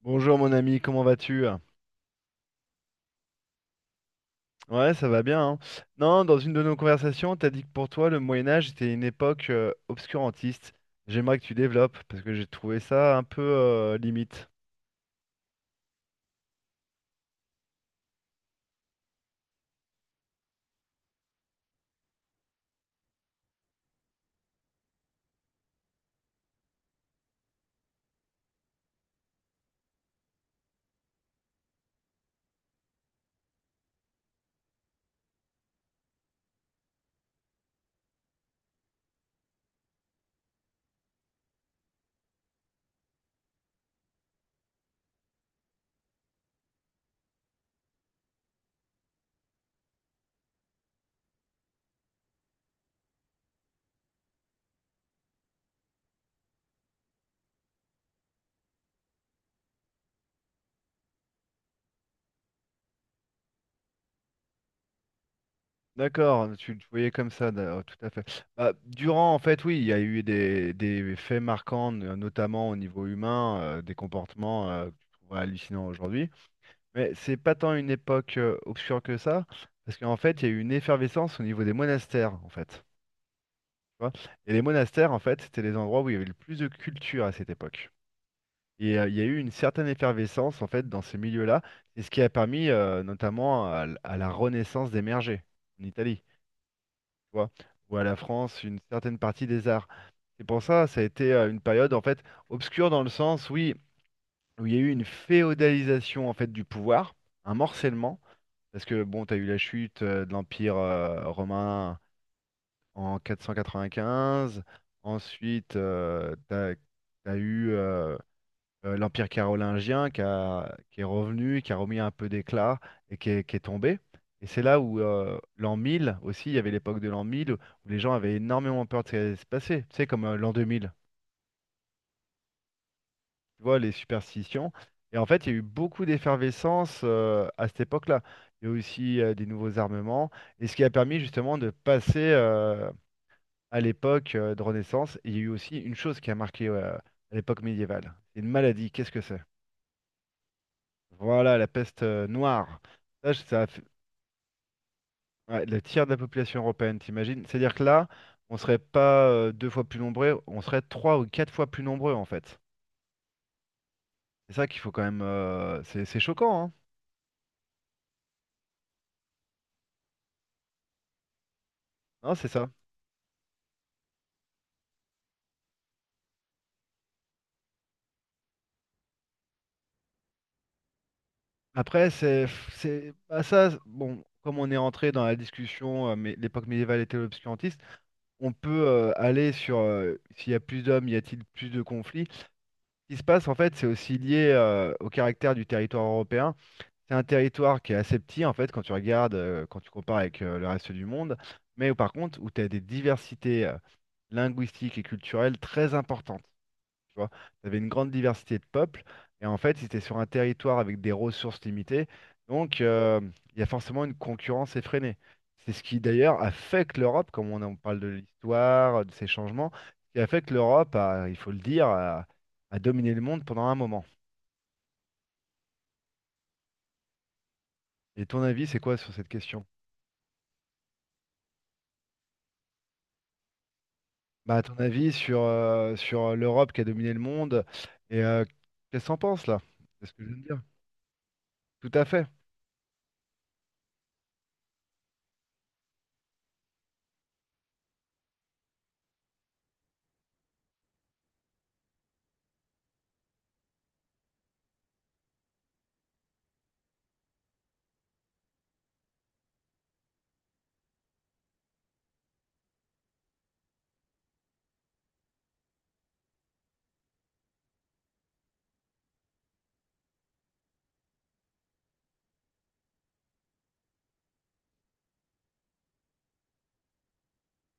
Bonjour mon ami, comment vas-tu? Ouais, ça va bien, hein. Non, dans une de nos conversations, t'as dit que pour toi, le Moyen Âge était une époque obscurantiste. J'aimerais que tu développes, parce que j'ai trouvé ça un peu limite. D'accord, tu le voyais comme ça, d'accord, tout à fait. Bah, durant, en fait, oui, il y a eu des faits marquants, notamment au niveau humain, des comportements que tu trouves hallucinants aujourd'hui. Mais c'est pas tant une époque obscure que ça, parce qu'en fait, il y a eu une effervescence au niveau des monastères, en fait, tu vois. Et les monastères, en fait, c'était les endroits où il y avait le plus de culture à cette époque. Et il y a eu une certaine effervescence, en fait, dans ces milieux-là. C'est ce qui a permis, notamment, à la Renaissance d'émerger en Italie, tu vois, ou à la France, une certaine partie des arts. C'est pour ça, ça a été une période, en fait, obscure dans le sens, oui, où il y a eu une féodalisation, en fait, du pouvoir, un morcellement, parce que, bon, tu as eu la chute de l'Empire romain, en 495. Ensuite, t'as eu l'Empire carolingien qui est revenu, qui a remis un peu d'éclat et qui est tombé. Et c'est là où l'an 1000 aussi, il y avait l'époque de l'an 1000 où les gens avaient énormément peur de ce qui allait se passer. Tu sais, comme l'an 2000, tu vois, les superstitions. Et en fait, il y a eu beaucoup d'effervescence à cette époque-là. Il y a eu aussi des nouveaux armements, et ce qui a permis justement de passer à l'époque de Renaissance. Et il y a eu aussi une chose qui a marqué à l'époque médiévale. C'est une maladie. Qu'est-ce que c'est? Voilà, la peste noire. Ça, je- ça a fait- Ouais, le tiers de la population européenne, t'imagines? C'est-à-dire que là, on serait pas deux fois plus nombreux, on serait trois ou quatre fois plus nombreux en fait. C'est ça qu'il faut quand même. C'est choquant, hein? Non, c'est ça. Après, bah ça, bon, comme on est entré dans la discussion, mais l'époque médiévale était l'obscurantisme, on peut aller sur s'il y a plus d'hommes, y a-t-il plus de conflits? Ce qui se passe, en fait, c'est aussi lié au caractère du territoire européen. C'est un territoire qui est assez petit, en fait, quand tu compares avec le reste du monde, mais par contre, où tu as des diversités linguistiques et culturelles très importantes, tu vois. Tu avais une grande diversité de peuples, et en fait, c'était sur un territoire avec des ressources limitées, donc il y a forcément une concurrence effrénée. C'est ce qui d'ailleurs a fait que l'Europe, comme on en parle de l'histoire, de ces changements, ce qui a fait que l'Europe a, il faut le dire, a dominé le monde pendant un moment. Et ton avis, c'est quoi sur cette question? Bah, à ton avis sur l'Europe qui a dominé le monde, et qu'est-ce que t'en penses là? C'est ce que je viens de dire. Tout à fait.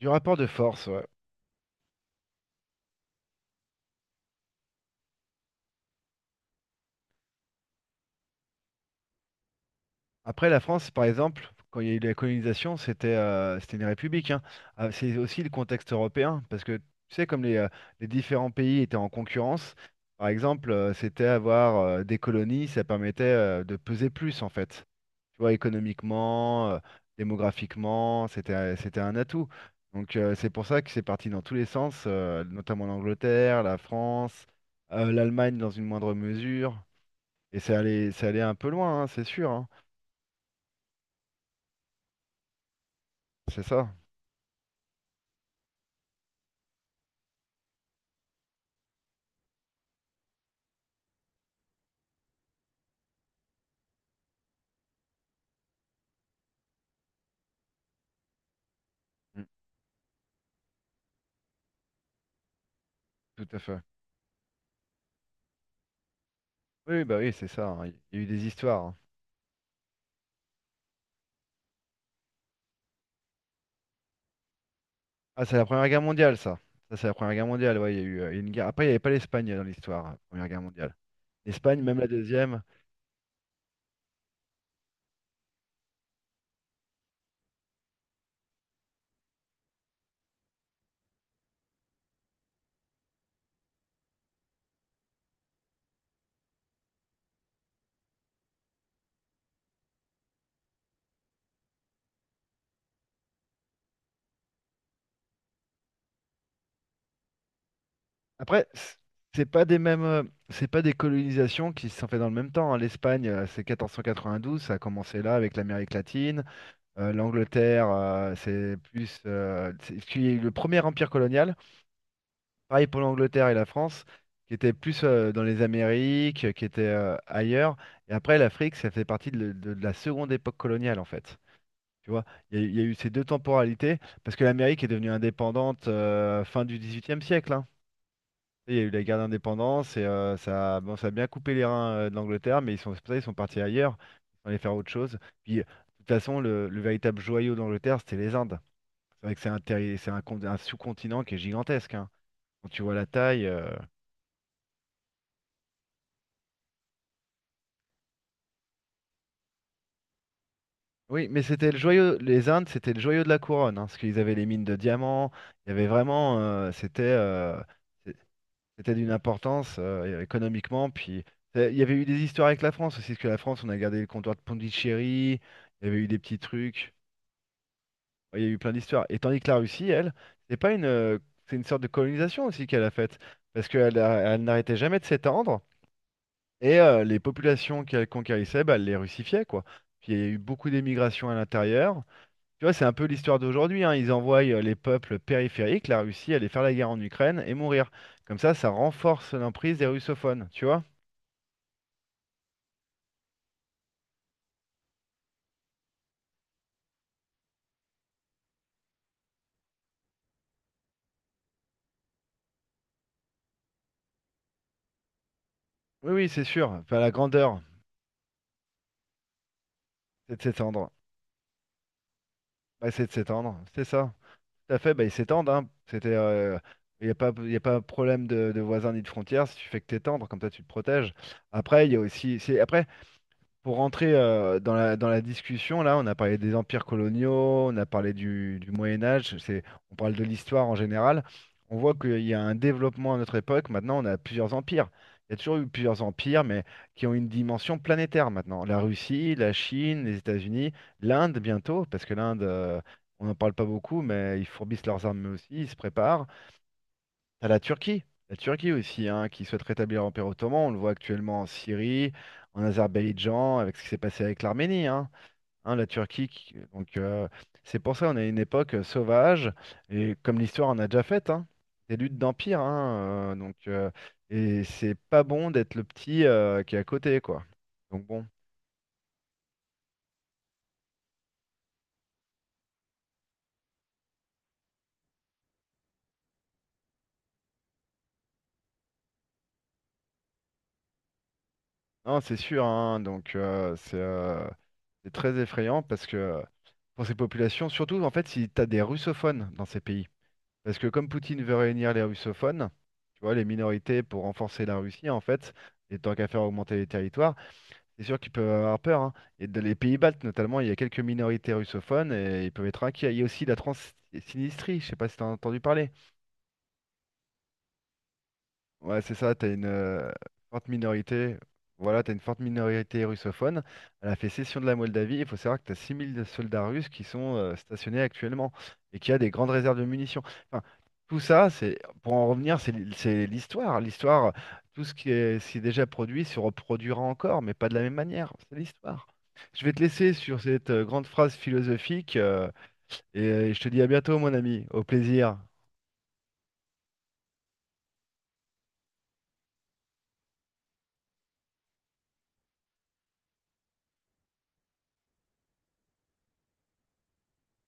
Du rapport de force, ouais. Après, la France, par exemple, quand il y a eu la colonisation, c'était une république, hein. Ah, c'est aussi le contexte européen, parce que tu sais, comme les différents pays étaient en concurrence, par exemple, c'était avoir des colonies, ça permettait de peser plus, en fait. Tu vois, économiquement, démographiquement, c'était un atout. Donc, c'est pour ça que c'est parti dans tous les sens, notamment l'Angleterre, la France, l'Allemagne dans une moindre mesure. Et ça allait un peu loin, hein, c'est sûr, hein. C'est ça. Mm. Tout à fait. Oui, oui, bah oui, c'est ça, hein. Il y a eu des histoires, hein. Ah, c'est la Première Guerre mondiale, ça. Ça, c'est la Première Guerre mondiale. Ouais, il y a eu une guerre. Après, il n'y avait pas l'Espagne dans l'histoire, la Première Guerre mondiale. L'Espagne, même la deuxième. Après, c'est pas des mêmes, c'est pas des colonisations qui se sont faites dans le même temps, hein. L'Espagne, c'est 1492, ça a commencé là avec l'Amérique latine. L'Angleterre, c'est plus, parce qu'il y a eu le premier empire colonial. Pareil pour l'Angleterre et la France, qui étaient plus dans les Amériques, qui étaient ailleurs. Et après, l'Afrique, ça fait partie de la seconde époque coloniale, en fait. Tu vois, il y a eu ces deux temporalités, parce que l'Amérique est devenue indépendante fin du XVIIIe siècle, hein. Il y a eu la guerre d'indépendance et bon, ça a bien coupé les reins de l'Angleterre, mais ils sont, c'est pour ça, ils sont partis ailleurs, ils sont allés faire autre chose. Puis, de toute façon, le véritable joyau d'Angleterre, c'était les Indes. C'est vrai que c'est un, terri- c'est un con- un sous-continent qui est gigantesque, hein. Quand tu vois la taille. Oui, mais c'était le joyau, les Indes, c'était le joyau de la couronne, hein, parce qu'ils avaient les mines de diamants, il y avait vraiment, c'est- c'était d'une importance économiquement, puis il y avait eu des histoires avec la France aussi, parce que la France, on a gardé le comptoir de Pondichéry, il y avait eu des petits trucs, il y a eu plein d'histoires. Et tandis que la Russie, elle, c'est pas une, c'est une sorte de colonisation aussi qu'elle a faite, parce qu'elle n'arrêtait jamais de s'étendre, et les populations qu'elle conquérissait, bah, elle les russifiait, quoi. Puis il y a eu beaucoup d'émigration à l'intérieur. Tu vois, c'est un peu l'histoire d'aujourd'hui, hein. Ils envoient les peuples périphériques, la Russie, aller faire la guerre en Ukraine et mourir. Comme ça renforce l'emprise des russophones, tu vois? Oui, oui, c'est sûr. Enfin, la grandeur, c'est de s'étendre. Bah, c'est de s'étendre, c'est ça. Tout à fait, bah, ils s'étendent, hein. C'était, il n'y a pas, y a pas problème de voisins ni de frontières si tu fais que t'étendre, comme ça tu te protèges. Après, il y a aussi, c'est, après, pour rentrer dans la discussion, là, on a parlé des empires coloniaux, on a parlé du Moyen Âge, c'est, on parle de l'histoire en général. On voit qu'il y a un développement à notre époque. Maintenant, on a plusieurs empires. Il y a toujours eu plusieurs empires, mais qui ont une dimension planétaire maintenant. La Russie, la Chine, les États-Unis, l'Inde bientôt, parce que l'Inde, on n'en parle pas beaucoup, mais ils fourbissent leurs armes aussi, ils se préparent. T'as la Turquie aussi, hein, qui souhaite rétablir l'Empire ottoman. On le voit actuellement en Syrie, en Azerbaïdjan, avec ce qui s'est passé avec l'Arménie. Hein, hein, la Turquie, donc c'est pour ça qu'on a une époque sauvage et comme l'histoire en a déjà fait, hein, des luttes d'empire. Hein, donc et c'est pas bon d'être le petit qui est à côté, quoi. Donc bon, non, c'est sûr. Hein, donc c'est très effrayant parce que pour ces populations, surtout en fait, si t'as des russophones dans ces pays. Parce que comme Poutine veut réunir les russophones, tu vois, les minorités pour renforcer la Russie, en fait, et tant qu'à faire augmenter les territoires, c'est sûr qu'ils peuvent avoir peur, hein. Et dans les pays baltes, notamment, il y a quelques minorités russophones et ils peuvent être inquiets. Il y a aussi la Transsinistrie, je sais pas si tu as entendu parler. Ouais, c'est ça, t'as une forte minorité. Voilà, t'as une forte minorité russophone. Elle a fait cession de la Moldavie. Il faut savoir que t'as 6 000 soldats russes qui sont stationnés actuellement et qui a des grandes réserves de munitions. Enfin, tout ça, c'est pour en revenir, c'est l'histoire. L'histoire, tout ce qui est déjà produit se reproduira encore, mais pas de la même manière. C'est l'histoire. Je vais te laisser sur cette grande phrase philosophique et je te dis à bientôt, mon ami. Au plaisir.